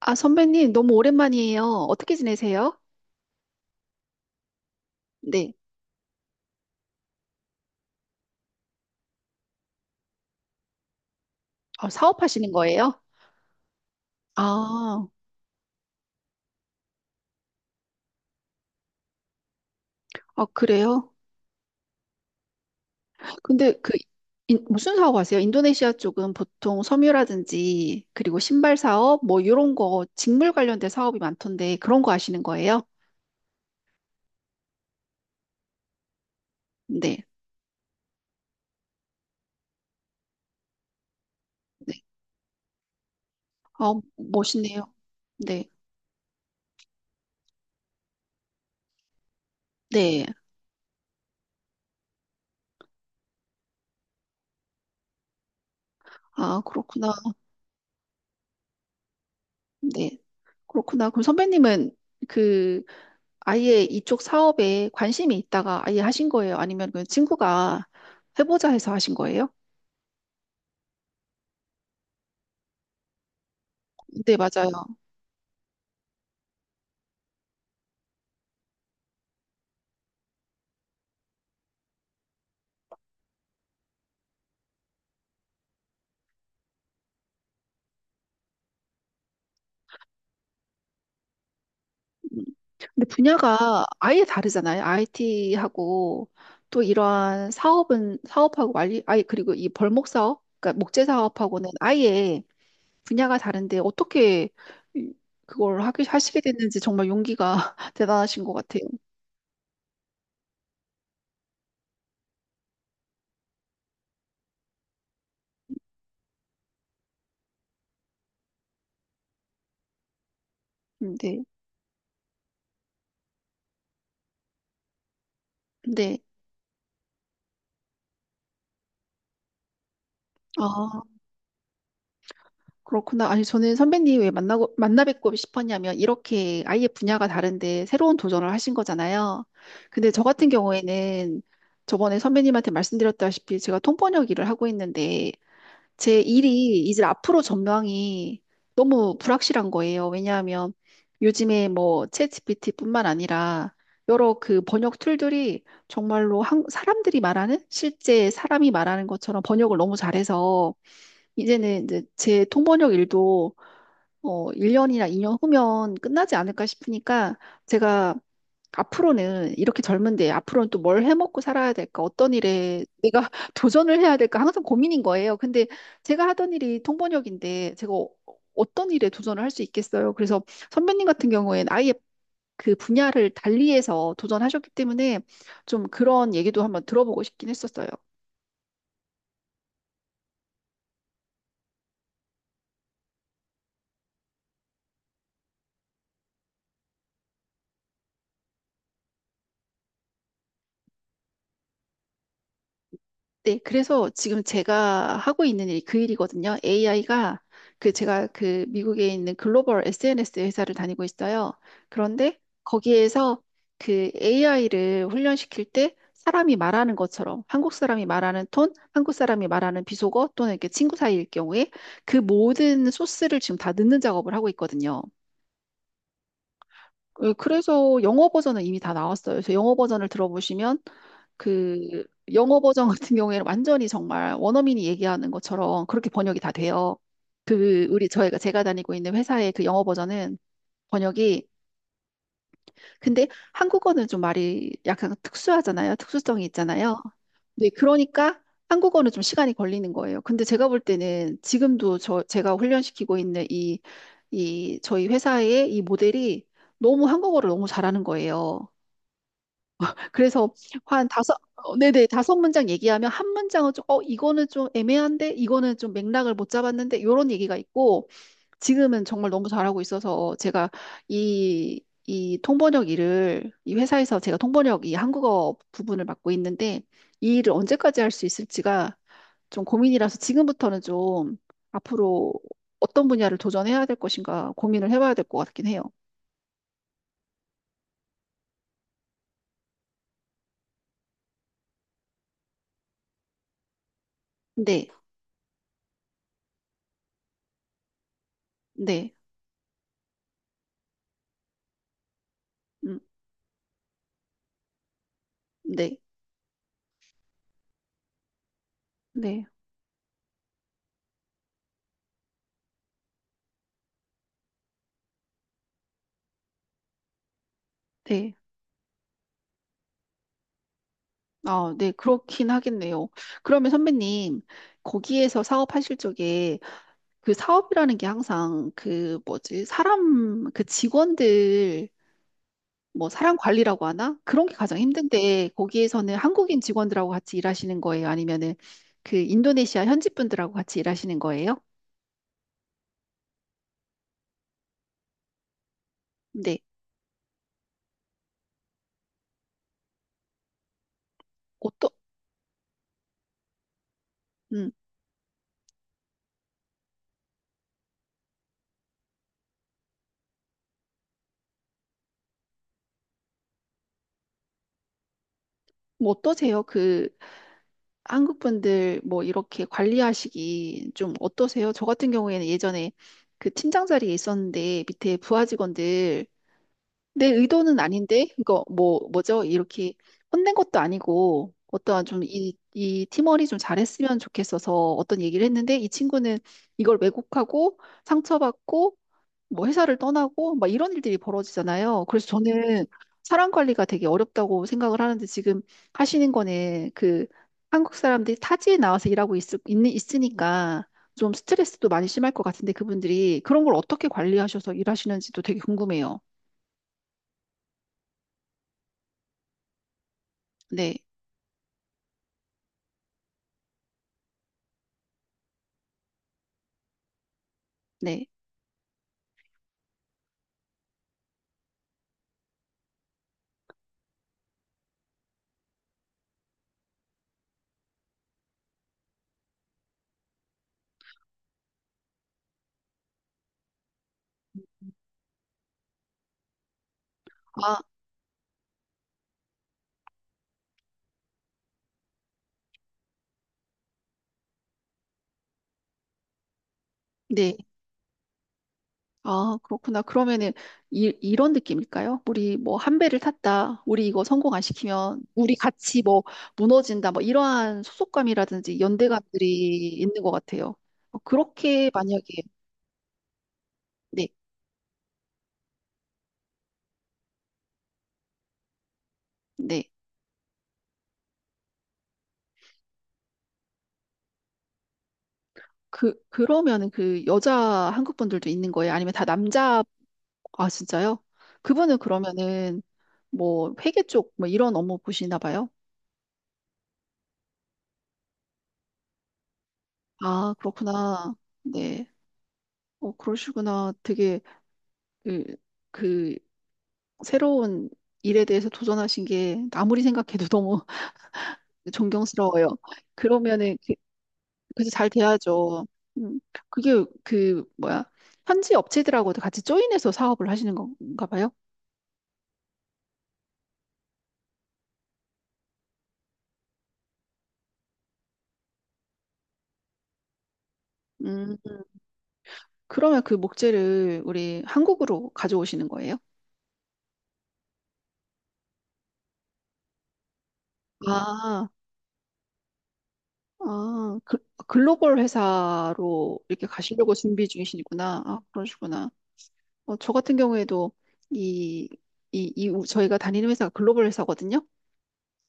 아, 선배님, 너무 오랜만이에요. 어떻게 지내세요? 네. 아, 사업하시는 거예요? 아, 아, 그래요? 근데 그, 무슨 사업 하세요? 인도네시아 쪽은 보통 섬유라든지, 그리고 신발 사업, 뭐, 이런 거, 직물 관련된 사업이 많던데, 그런 거 하시는 거예요? 네. 네. 아, 멋있네요. 네. 네. 아, 그렇구나. 네. 그렇구나. 그럼 선배님은 그 아예 이쪽 사업에 관심이 있다가 아예 하신 거예요? 아니면 그 친구가 해보자 해서 하신 거예요? 네, 맞아요. 음. 근데 분야가 아예 다르잖아요. IT하고 또 이러한 사업은 사업하고 아예 그리고 이 벌목 사업, 그러니까 목재 사업하고는 아예 분야가 다른데 어떻게 이- 그걸 하게 하시게 됐는지 정말 용기가 대단하신 것 같아요. 네. 네. 아, 그렇구나. 아니, 저는 선배님 왜 만나 뵙고 싶었냐면, 이렇게 아예 분야가 다른데 새로운 도전을 하신 거잖아요. 근데 저 같은 경우에는 저번에 선배님한테 말씀드렸다시피 제가 통번역 일을 하고 있는데, 제 일이 이제 앞으로 전망이 너무 불확실한 거예요. 왜냐하면 요즘에 뭐 챗GPT뿐만 아니라 여러 그 번역 툴들이 정말로 사람들이 말하는 실제 사람이 말하는 것처럼 번역을 너무 잘해서 이제는 이제 제 통번역 일도 1년이나 2년 후면 끝나지 않을까 싶으니까 제가 앞으로는 이렇게 젊은데 앞으로는 또 뭘 해먹고 살아야 될까? 어떤 일에 내가 도전을 해야 될까? 항상 고민인 거예요. 근데 제가 하던 일이 통번역인데 제가 어떤 일에 도전을 할 수 있겠어요? 그래서 선배님 같은 경우에는 아예 그 분야를 달리해서 도전하셨기 때문에 좀 그런 얘기도 한번 들어보고 싶긴 했었어요. 네, 그래서 지금 제가 하고 있는 일이 그 일이거든요. AI가 그 제가 그 미국에 있는 글로벌 SNS 회사를 다니고 있어요. 그런데 거기에서 그 AI를 훈련시킬 때 사람이 말하는 것처럼 한국 사람이 말하는 톤, 한국 사람이 말하는 비속어 또는 이렇게 친구 사이일 경우에 그 모든 소스를 지금 다 넣는 작업을 하고 있거든요. 그래서 영어 버전은 이미 다 나왔어요. 그래서 영어 버전을 들어보시면 그 영어 버전 같은 경우에는 완전히 정말 원어민이 얘기하는 것처럼 그렇게 번역이 다 돼요. 그 우리 저희가 제가 다니고 있는 회사의 그 영어 버전은 번역이 근데 한국어는 좀 말이 약간 특수하잖아요. 특수성이 있잖아요. 네, 그러니까 한국어는 좀 시간이 걸리는 거예요. 근데 제가 볼 때는 지금도 제가 훈련시키고 있는 이 저희 회사의 이 모델이 너무 한국어를 너무 잘하는 거예요. 그래서 한 다섯, 네네, 다섯 문장 얘기하면 한 문장은 좀, 이거는 좀 애매한데, 이거는 좀 맥락을 못 잡았는데, 이런 얘기가 있고, 지금은 정말 너무 잘하고 있어서 제가 이 통번역 일을, 이 회사에서 제가 통번역 이 한국어 부분을 맡고 있는데, 이 일을 언제까지 할 수 있을지가 좀 고민이라서 지금부터는 좀 앞으로 어떤 분야를 도전해야 될 것인가 고민을 해봐야 될 것 같긴 해요. 네, 네, 음, 네, 네, 네. 아, 네, 그렇긴 하겠네요. 그러면 선배님, 거기에서 사업하실 적에 그 사업이라는 게 항상 그 뭐지, 사람, 그 직원들, 뭐 사람 관리라고 하나? 그런 게 가장 힘든데, 거기에서는 한국인 직원들하고 같이 일하시는 거예요? 아니면은 그 인도네시아 현지 분들하고 같이 일하시는 거예요? 네, 어떠, 음, 뭐 어떠세요? 그 한국 분들 뭐 이렇게 관리하시기 좀 어떠세요? 저 같은 경우에는 예전에 그 팀장 자리에 있었는데 밑에 부하 직원들 내 의도는 아닌데 이거 뭐죠? 이렇게 혼낸 것도 아니고 어떠한 좀 이 팀원이 좀 잘했으면 좋겠어서 어떤 얘기를 했는데 이 친구는 이걸 왜곡하고 상처받고 뭐 회사를 떠나고 막 이런 일들이 벌어지잖아요. 그래서 저는 사람 관리가 되게 어렵다고 생각을 하는데 지금 하시는 거는 그 한국 사람들이 타지에 나와서 일하고 있으니까 좀 스트레스도 많이 심할 것 같은데 그분들이 그런 걸 어떻게 관리하셔서 일하시는지도 되게 궁금해요. 네, 네. 아, 네. 아, 그렇구나. 그러면은 이런 느낌일까요? 우리 뭐 한 배를 탔다. 우리 이거 성공 안 시키면 우리 같이 뭐 무너진다. 뭐 이러한 소속감이라든지 연대감들이 있는 것 같아요. 그렇게 만약에 네, 네. 그러면은 그 여자 한국 분들도 있는 거예요? 아니면 다 남자? 아, 진짜요? 그분은 그러면은 뭐 회계 쪽 뭐 이런 업무 보시나 봐요? 아, 그렇구나. 네. 어, 그러시구나. 되게 그그 새로운 일에 대해서 도전하신 게 아무리 생각해도 너무 존경스러워요. 그러면은 그래서 잘 돼야죠. 음, 그게 그 뭐야 현지 업체들하고도 같이 조인해서 사업을 하시는 건가 봐요. 음, 그러면 그 목재를 우리 한국으로 가져오시는 거예요? 아, 아, 글로벌 회사로 이렇게 가시려고 준비 중이시구나. 아, 그러시구나. 어, 저 같은 경우에도 이, 저희가 다니는 회사가 글로벌 회사거든요.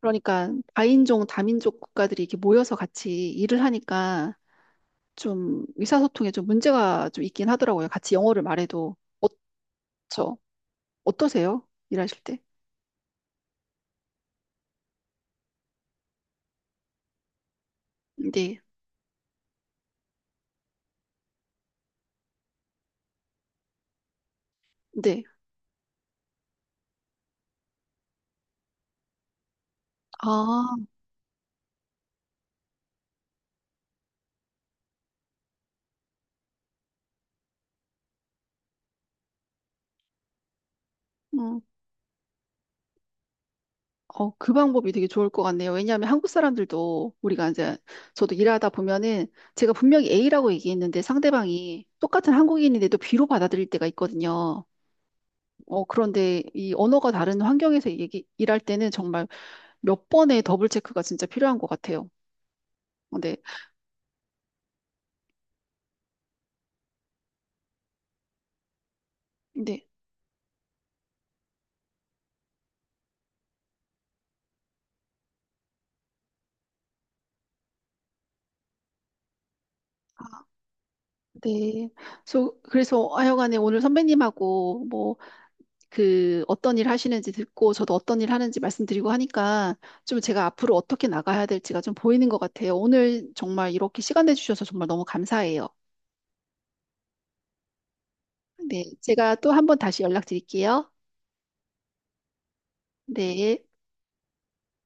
그러니까 다인종, 다민족 국가들이 이렇게 모여서 같이 일을 하니까 좀 의사소통에 좀 문제가 좀 있긴 하더라고요. 같이 영어를 말해도. 저, 어떠세요? 일하실 때? 네, 네. 아, 음. 어, 그 방법이 되게 좋을 것 같네요. 왜냐하면 한국 사람들도 우리가 이제 저도 일하다 보면은 제가 분명히 A라고 얘기했는데 상대방이 똑같은 한국인인데도 B로 받아들일 때가 있거든요. 어, 그런데 이 언어가 다른 환경에서 일할 때는 정말 몇 번의 더블 체크가 진짜 필요한 것 같아요. 어, 네. 네. 아, 네. 그래서 하여간에 오늘 선배님하고 뭐 그 어떤 일 하시는지 듣고 저도 어떤 일 하는지 말씀드리고 하니까 좀 제가 앞으로 어떻게 나가야 될지가 좀 보이는 것 같아요. 오늘 정말 이렇게 시간 내주셔서 정말 너무 감사해요. 네. 제가 또 한 번 다시 연락드릴게요. 네.